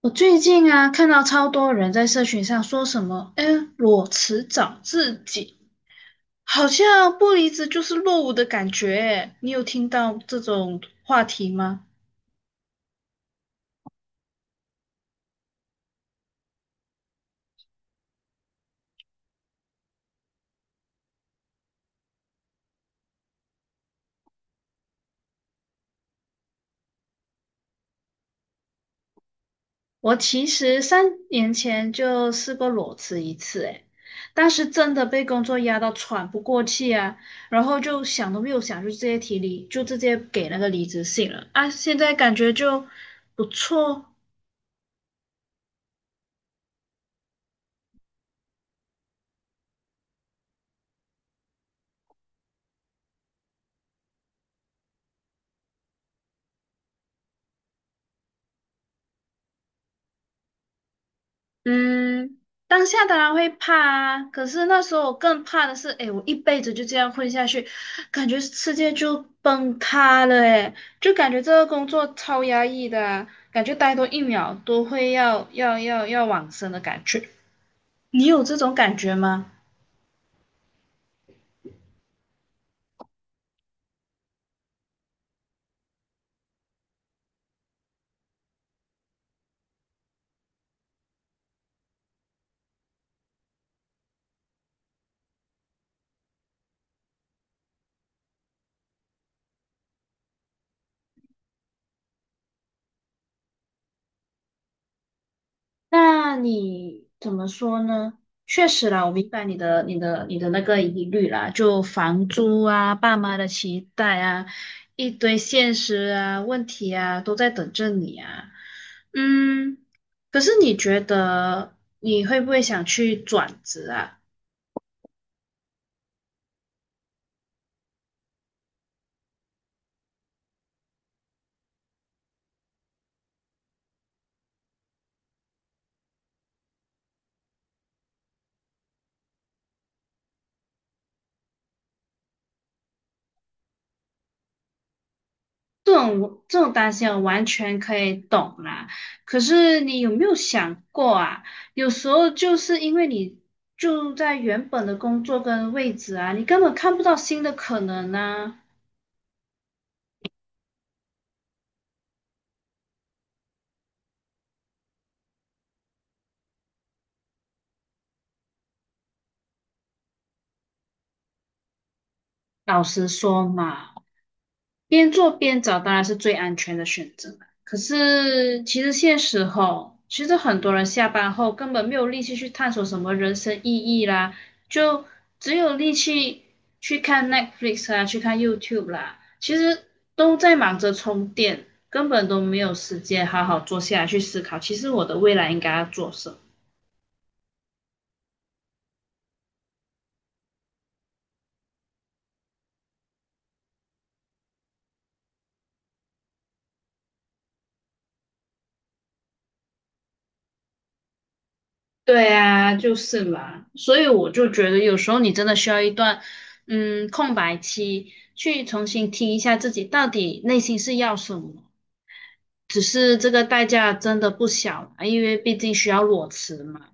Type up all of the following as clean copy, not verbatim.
我最近啊，看到超多人在社群上说什么，哎，裸辞找自己，好像不离职就是落伍的感觉。哎，你有听到这种话题吗？我其实三年前就试过裸辞一次，哎，当时真的被工作压到喘不过气啊，然后就想都没有想，就直接提离，就直接给那个离职信了啊。现在感觉就不错。嗯，当下当然会怕啊，可是那时候我更怕的是，诶，我一辈子就这样混下去，感觉世界就崩塌了，诶，就感觉这个工作超压抑的啊，感觉待多一秒都会要往生的感觉。你有这种感觉吗？那你怎么说呢？确实啦，我明白你的那个疑虑啦，就房租啊、爸妈的期待啊，一堆现实啊、问题啊，都在等着你啊。嗯，可是你觉得你会不会想去转职啊？这种这种担心我完全可以懂啦。可是你有没有想过啊？有时候就是因为你就在原本的工作跟位置啊，你根本看不到新的可能呢。老实说嘛。边做边找当然是最安全的选择啦，可是其实现实吼，其实很多人下班后根本没有力气去探索什么人生意义啦，就只有力气去看 Netflix 啊，去看 YouTube 啦，其实都在忙着充电，根本都没有时间好好坐下来去思考，其实我的未来应该要做什么。对啊，就是嘛，所以我就觉得有时候你真的需要一段，嗯，空白期，去重新听一下自己到底内心是要什么。只是这个代价真的不小，因为毕竟需要裸辞嘛。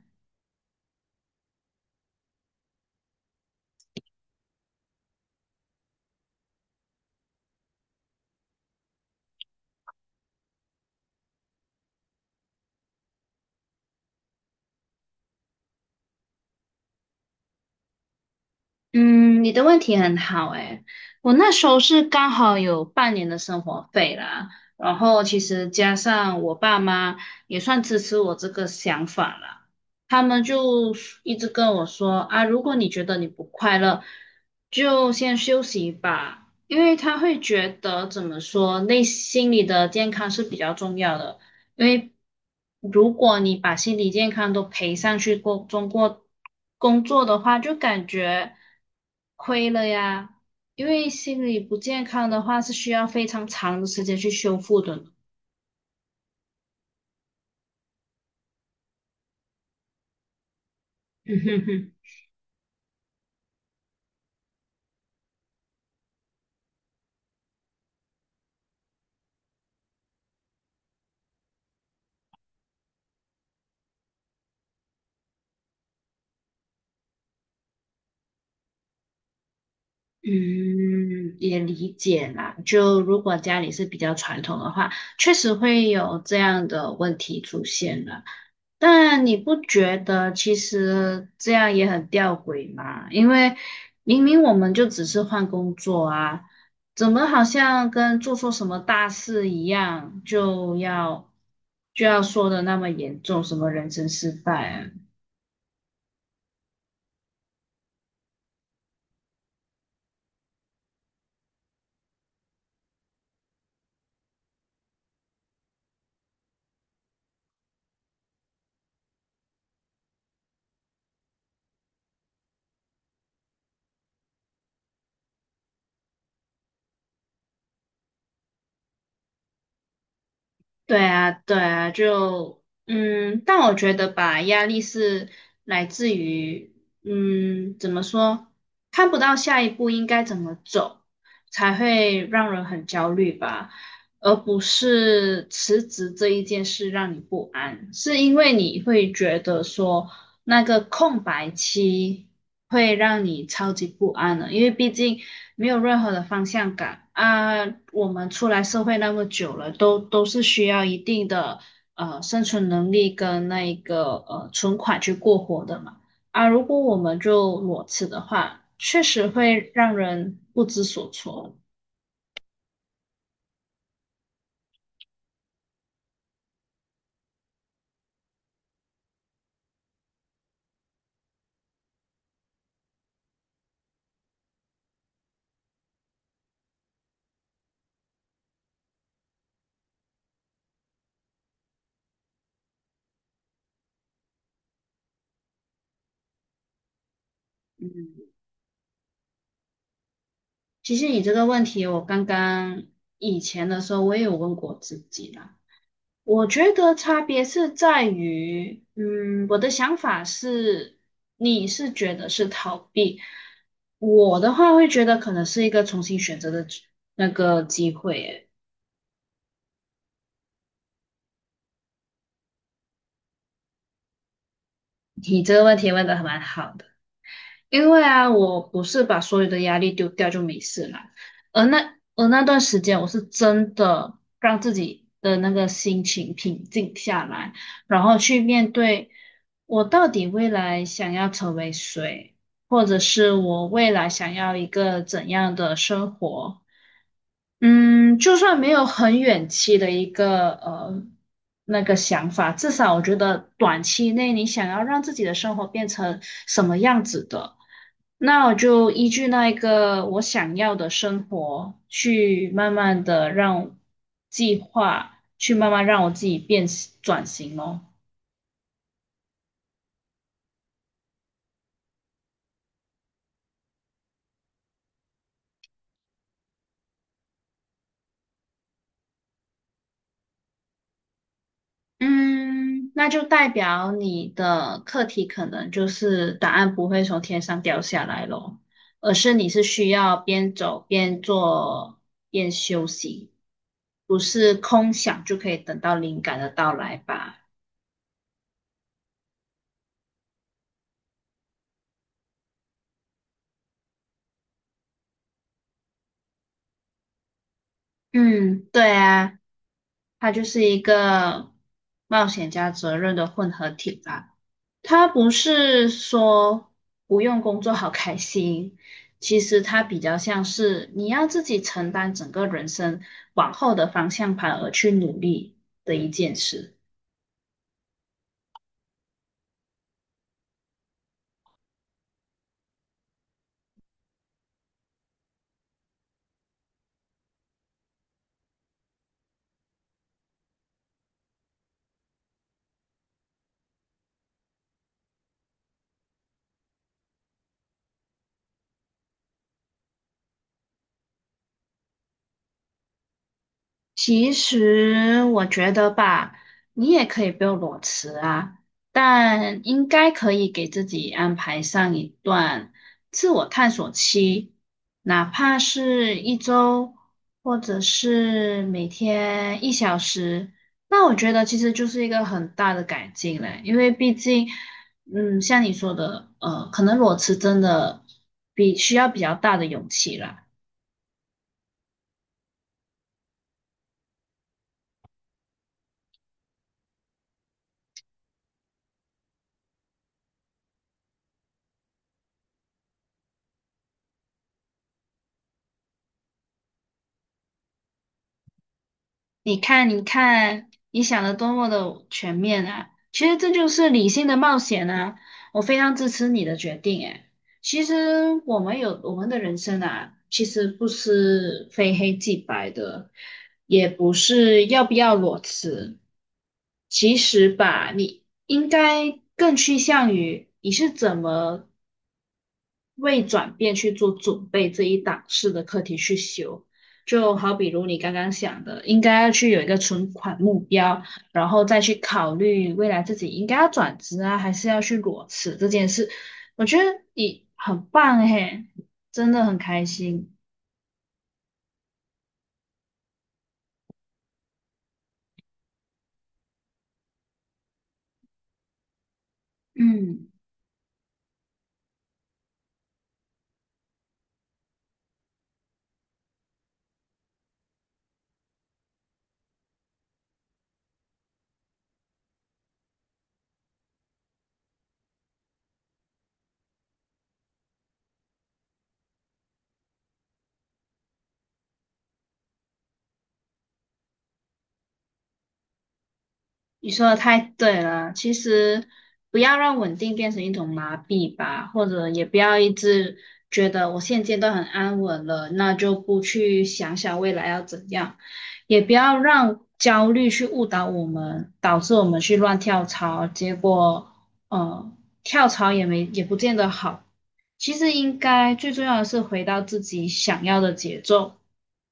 嗯，你的问题很好诶，我那时候是刚好有半年的生活费啦，然后其实加上我爸妈也算支持我这个想法啦，他们就一直跟我说啊，如果你觉得你不快乐，就先休息吧，因为他会觉得怎么说，内心里的健康是比较重要的。因为如果你把心理健康都赔上去工中国工作的话，就感觉亏了呀。因为心理不健康的话，是需要非常长的时间去修复的呢。嗯哼哼。嗯，也理解啦。就如果家里是比较传统的话，确实会有这样的问题出现了。但你不觉得其实这样也很吊诡吗？因为明明我们就只是换工作啊，怎么好像跟做错什么大事一样，就要说的那么严重，什么人生失败啊？对啊，对啊，就但我觉得吧，压力是来自于怎么说，看不到下一步应该怎么走，才会让人很焦虑吧，而不是辞职这一件事让你不安，是因为你会觉得说那个空白期会让你超级不安的，因为毕竟没有任何的方向感啊。我们出来社会那么久了，都是需要一定的生存能力跟那一个存款去过活的嘛。啊，如果我们就裸辞的话，确实会让人不知所措。其实你这个问题，我刚刚以前的时候我也有问过自己啦。我觉得差别是在于，嗯，我的想法是，你是觉得是逃避，我的话会觉得可能是一个重新选择的机那个机会诶。你这个问题问的还蛮好的。因为啊，我不是把所有的压力丢掉就没事了，而那段时间，我是真的让自己的那个心情平静下来，然后去面对我到底未来想要成为谁，或者是我未来想要一个怎样的生活，嗯，就算没有很远期的一个那个想法，至少我觉得短期内你想要让自己的生活变成什么样子的，那我就依据那一个我想要的生活去慢慢的让计划，去慢慢让我自己变转型咯。嗯，那就代表你的课题可能就是答案不会从天上掉下来咯，而是你是需要边走边做边休息，不是空想就可以等到灵感的到来吧？嗯，对啊，它就是一个冒险加责任的混合体吧。他不是说不用工作好开心，其实他比较像是你要自己承担整个人生往后的方向盘而去努力的一件事。其实我觉得吧，你也可以不用裸辞啊，但应该可以给自己安排上一段自我探索期，哪怕是一周，或者是每天一小时。那我觉得其实就是一个很大的改进嘞，因为毕竟，嗯，像你说的，可能裸辞真的比需要比较大的勇气啦。你看，你看，你想的多么的全面啊！其实这就是理性的冒险啊！我非常支持你的决定。哎，其实我们有我们的人生啊，其实不是非黑即白的，也不是要不要裸辞。其实吧，你应该更趋向于你是怎么为转变去做准备这一档次的课题去修。就好比如你刚刚想的，应该要去有一个存款目标，然后再去考虑未来自己应该要转职啊，还是要去裸辞这件事。我觉得你很棒嘿，真的很开心。嗯。你说的太对了，其实不要让稳定变成一种麻痹吧，或者也不要一直觉得我现阶段很安稳了，那就不去想想未来要怎样，也不要让焦虑去误导我们，导致我们去乱跳槽，结果呃跳槽也没也不见得好。其实应该最重要的是回到自己想要的节奏，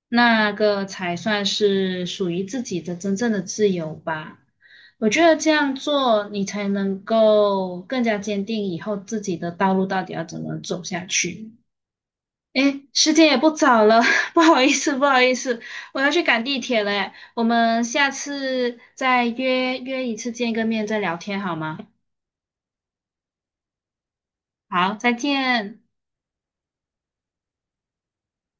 那个才算是属于自己的真正的自由吧。我觉得这样做，你才能够更加坚定以后自己的道路到底要怎么走下去。诶，时间也不早了，不好意思，不好意思，我要去赶地铁了，诶我们下次再约约一次见个面再聊天好吗？好，再见。